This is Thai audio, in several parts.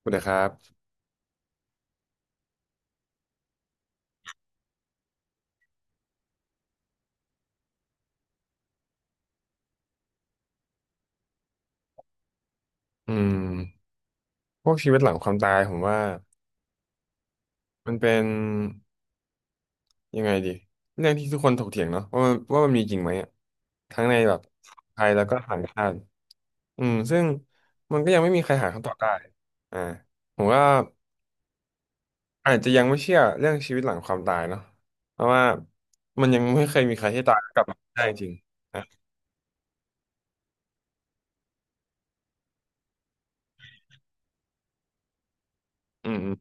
สวัสดีครับอืมพวกชีวิตหลังความตายผมว่ามันเป็นยังไงดีเรื่องที่ทุกคนถกเถียงเนาะว่ามันมีจริงไหมอะทั้งในแบบไทยแล้วก็ต่างชาติอืมซึ่งมันก็ยังไม่มีใครหาคำตอบได้อ่าผมว่าอาจจะยังไม่เชื่อเรื่องชีวิตหลังความตายเนาะเพราะว่ามันยังไม่เคยมีใครที่ตายแล้วกลับมาได้จริงนะอืมอืม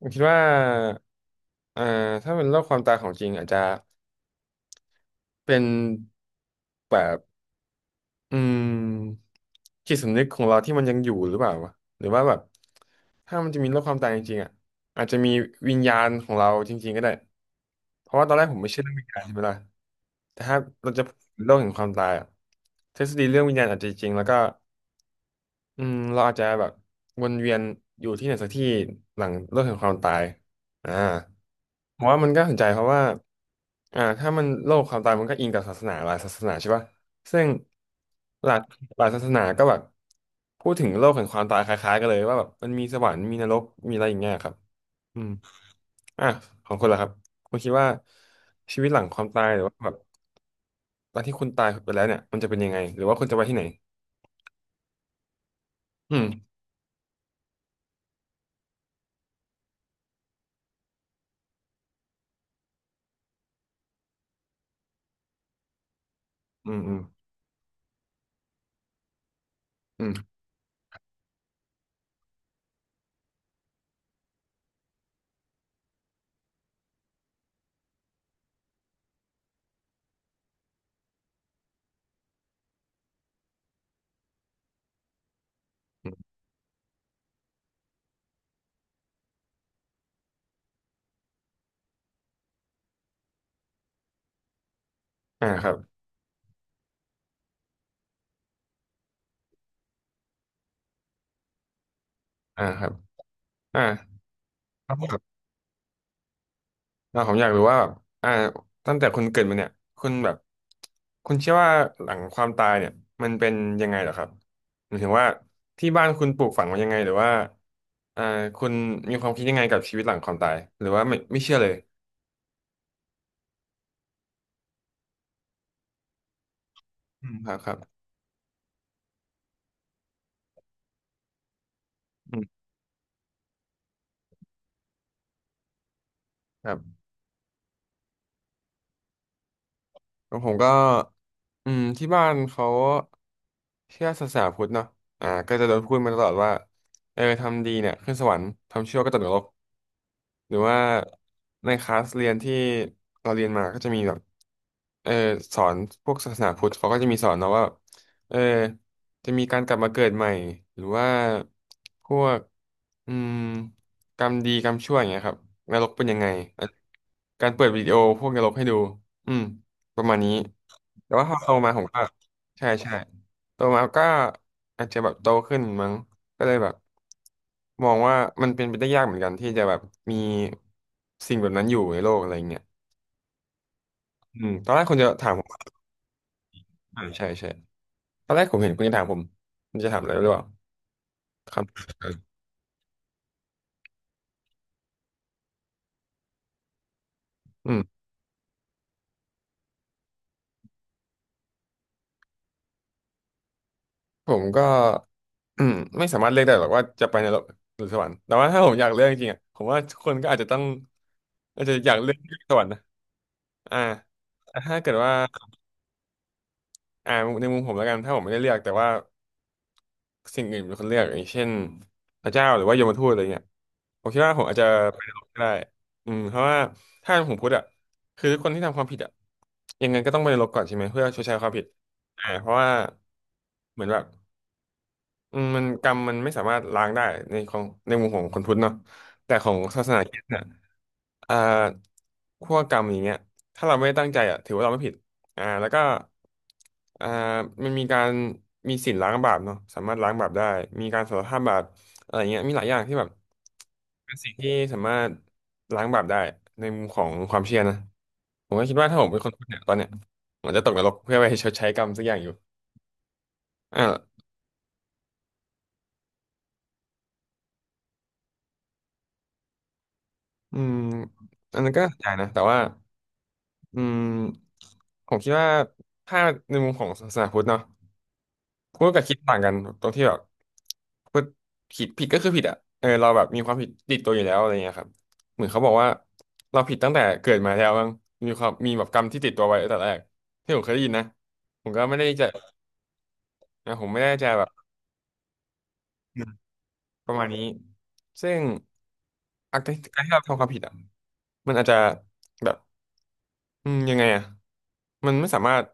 ผมคิดว่าเอ่อถ้าเป็นโรคความตายของจริงอาจจะเป็นแบบ อืมจิตสำนึกของเราที่มันยังอยู่หรือเปล่าวะหรือว่าแบบถ้ามันจะมีโลกความตายจริงๆอ่ะอาจจะมีวิญญาณของเราจริงๆก็ได้เพราะว่าตอนแรกผมไม่เชื่อเรื่องวิญญาณใช่ไหมล่ะแต่ถ้าเราจะพูดถึงโลกแห่งความตายอ่ะทฤษฎีเรื่องวิญญาณอาจจะจริงแล้วก็ อืมเราอาจจะแบบวนเวียนอยู่ที่ไหนสักที่หลังโลกแห่งความตายอ่าผมว่ามันก็สนใจเพราะว่าถ้ามันโลกความตายมันก็อิงกับศาสนาหลายศาสนาใช่ป่ะซึ่งหลายหลายศาสนาก็แบบพูดถึงโลกแห่งความตายคล้ายๆกันเลยว่าแบบมันมีสวรรค์มีนรกมีอะไรอย่างเงี้ยครับอืมอ่ะของคุณล่ะครับคุณคิดว่าชีวิตหลังความตายหรือว่าแบบตอนที่คุณตายไปแล้วเนี่ยมันจะเป็นยังไงหรือว่าคุณจะไปที่ไหนอืมอืมอืมอืมอืมอ่าครับ อ่าครับอ่าครับครับผมอยากรู้ว่าแบบอ่าตั้งแต่คุณเกิดมาเนี่ยคุณแบบคุณเชื่อว่าหลังความตายเนี่ยมันเป็นยังไงเหรอครับหมายถึงว่าที่บ้านคุณปลูกฝังมายังไงหรือว่าอ่าคุณมีความคิดยังไงกับชีวิตหลังความตายหรือว่าไม่เชื่อเลยอืมครับครับอืมครับแล้วผมก็อืมที่บ้านเขาเชื่อศาสนาพุทธเนาะอ่าก็จะโดนพูดมาตลอดว่าเออทำดีเนี่ยขึ้นสวรรค์ทำชั่วก็ตกนรก หรือว่าในคลาสเรียนที่เราเรียนมาก็จะมีแบบเออสอนพวกศาสนาพุทธเขาก็จะมีสอนเนาะว่าเออจะมีการกลับมาเกิดใหม่หรือว่าพวกอืมกรรมดีกรรมชั่วอย่างเงี้ยครับนรกเป็นยังไงอันการเปิดวิดีโอพวกนรกให้ดูอืมประมาณนี้แต่ว่าพอโตมาผมก็ใช่ใช่ โตมาก็อาจจะแบบโตขึ้นมั้งก็เลยแบบมองว่ามันเป็นไปได้ยากเหมือนกันที่จะแบบมีสิ่งแบบนั้นอยู่ในโลกอะไรเงี้ยอืมตอนแรกคุณจะถามผมอ่าใช่ใช่ตอนแรกผมเห็นคุณจะถามผมคุณจะถามอะไรหรือเปล่าครับอืมผมก็อืมไม่สามารถเลือกได้หรอกว่าจะไปในโลกหรือสวรรค์แต่ว่าถ้าผมอยากเลือกจริงๆอ่ะผมว่าคนก็อาจจะต้องอาจจะอยากเลือกสวรรค์นะอ่าแต่ถ้าเกิดว่าอ่าในมุมผมแล้วกันถ้าผมไม่ได้เลือกแต่ว่า สิ่งอื่นเป็นคนเลือกอย่างเช่นพระเจ้าหรือว่าโยมทูตอะไรเงี้ยผมคิดว่าผมอาจจะไปนรกก็ได้อืมเพราะว่าถ้าผมพูดอ่ะคือคนที่ทำความผิดอ่ะยังไงก็ต้องไปนรกก่อนใช่ไหมเพื่อชดใช้ความผิดเพราะว่าเหมือนแบบอืมมันกรรมมันไม่สามารถล้างได้ในของในมุมของคนพุทธเนาะแต่ของศาสนาคริสต์เนี่ย อ่าขั้วกรรมอย่างเงี้ยถ้าเราไม่ได้ตั้งใจอ่ะถือว่าเราไม่ผิดอ่าแล้วก็อ่ามันมีการมีศีลล้างบาปเนาะสามารถล้างบาปได้มีการสารภาพบาปอะไรเงี้ยมีหลายอย่างที่แบบเป็นสิ่งที่สามารถล้างบาปได้ในมุมของความเชื่อนะผมก็คิดว่าถ้าผมเป็นคนพูดเนี่ยตอนเนี้ยผมจะตกนรกเพื่อไปชดใช้กรรมสักอย่างอยู่อ่าอืมอันนั้นก็ใช่นะแต่ว่าอืมผมคิดว่าถ้าในมุมของศาสนาพุทธเนาะ พูดกับคิดต่างกันตรงที่แบบพูดผิดก็คือผิดอ่ะเออเราแบบมีความผิดติดตัวอยู่แล้วอะไรเงี้ยครับเหมือนเขาบอกว่าเราผิดตั้งแต่เกิดมาแล้วมั้งมีความมีแบบกรรมที่ติดตัวไว้ตั้งแต่แรกที่ผมเคยได้ยินนะผมก็ไม่ได้จะนะผมไม่ได้จะแบบประมาณนี้ซึ่งอาการการที่เราทำความผิดอ่ะมันอาจจะแบบ ยังไงอ่ะมันไม่สามารถ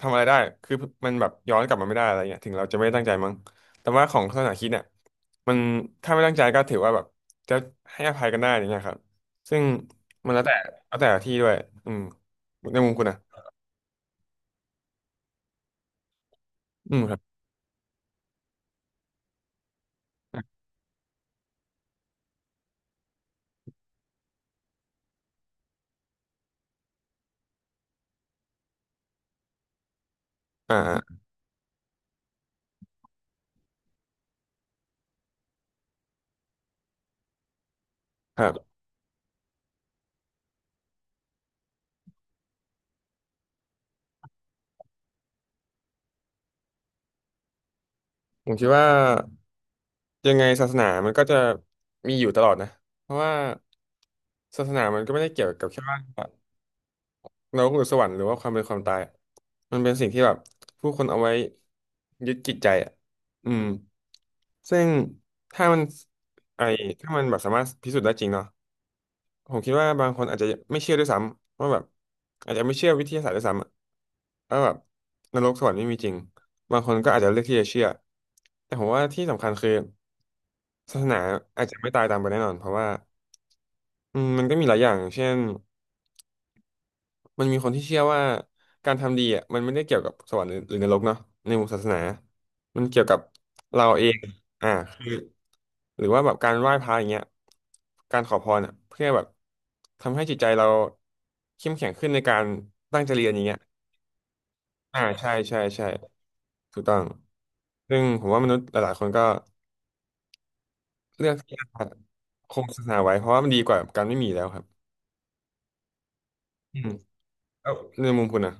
ทำอะไรได้คือมันแบบย้อนกลับมาไม่ได้อะไรเงี้ยถึงเราจะไม่ได้ตั้งใจมั้งแต่ว่าของศาสนาคริดเนี่ยมันถ้าไม่ตั้งใจก็ถือว่าแบบจะให้อภัยกันได้อย่างเงี้ยครับซึ่งมันแล้วแต่แล้วแต่ที่ด้วยอืมในมุมคุณนะอืมครับอ่าครับผมคิดว่ายังไงศาสนามันก็จะมีอยู่ตลอดนะเพราะว่าศาสนามันก็ไม่ได้เกี่ยวกับแค่ว่า เรกคือสวรรค์หรือว่าความเป็นความตายอะมันเป็นสิ่งที่แบบผู้คนเอาไว้ยึดจิตใจอ่ะอืมซึ่งถ้ามันไอถ้ามันแบบสามารถพิสูจน์ได้จริงเนาะผมคิดว่าบางคนอาจจะไม่เชื่อด้วยซ้ำว่าแบบอาจจะไม่เชื่อวิทยาศาสตร์ด้วยซ้ำอะว่าแบบนรกสวรรค์ไม่มีจริงบางคนก็อาจจะเลือกที่จะเชื่อแต่ผมว่าที่สำคัญคือศาสนาอาจจะไม่ตายตามไปแน่นอนเพราะว่าอืมมันก็มีหลายอย่างเช่น มันมีคนที่เชื่อว่าการทำดีอ่ะมันไม่ได้เกี่ยวกับสวรรค์หรือนรกเนาะในมุมศาสนามันเกี่ยวกับเราเองอ่าคือหรือว่าแบบการไหว้พระอย่างเงี้ยการขอพรอ่ะเพื่อแบบทำให้จิตใจเราเข้มแข็งขึ้นในการตั้งใจเรียนอย่างเงี้ยอ่าใช่ใช่ใช่ถูกต้องซึ่งผมว่ามนุษย์หลายๆคนก็เลือกที่จะคงศาสนาไว้เพราะว่ามันดีกว่าการไม่มีแล้วครับอืมแล้วในมุมคุณนะ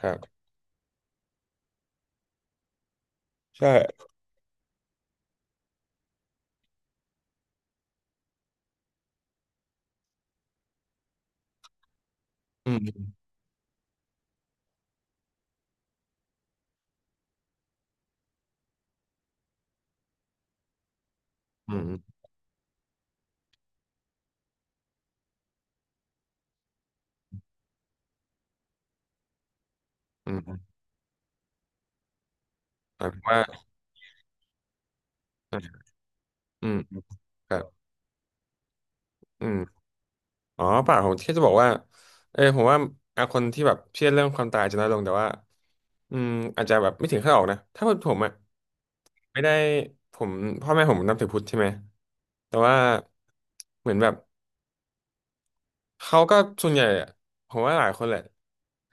ครับใช่อืมอืมอืมอืม หมายถึงว่าอ่ะอืมครับอืมอ๋อเปล่าผมแค่จะบอกว่าเออผมว่าอ่ะคนที่แบบเชื่อเรื่องความตายจะน้อยลงแต่ว่าอืมอาจจะแบบไม่ถึงขั้นออกนะถ้าเป็นผมอ่ะไม่ได้ผมพ่อแม่ผมนับถือพุทธใช่ไหมแต่ว่าเหมือนแบบเขาก็ส่วนใหญ่อะผมว่าหลายคนแหละ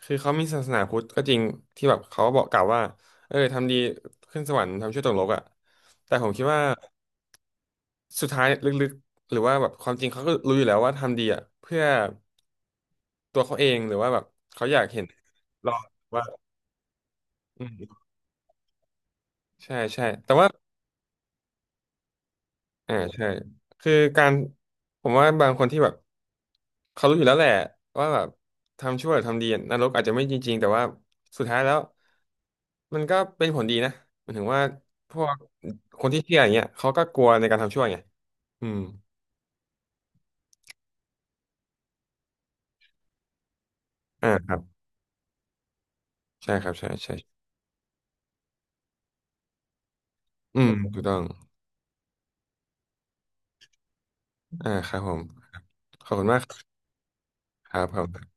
คือเขามีศาสนาพุทธก็จริงที่แบบเขาบอกกล่าวว่าเออทำดีขึ้นสวรรค์ทำชั่วตกนรกอ่ะแต่ผมคิดว่า สุดท้ายลึกๆหรือว่าแบบความจริงเขาก็รู้อยู่แล้วว่าทำดีอ่ะเพื่อตัวเขาเองหรือว่าแบบเขาอยากเห็นเราว่าอืมใช่ใช่แต่ว่าอ่าใช่คือการผมว่าบางคนที่แบบเขารู้อยู่แล้วแหละว่าแบบทำชั่วหรือทำดีนรกอาจจะไม่จริงๆแต่ว่าสุดท้ายแล้วมันก็เป็นผลดีนะหมายถึงว่าพวกคนที่เชื่ออย่างเงี้ยเขาก็กลัวในการทำชั่วไงอืมอ่าครับใช่ครับใช่ใช่อืมถูกต้องอ่าครับผม ขอบคุณมากครับครับ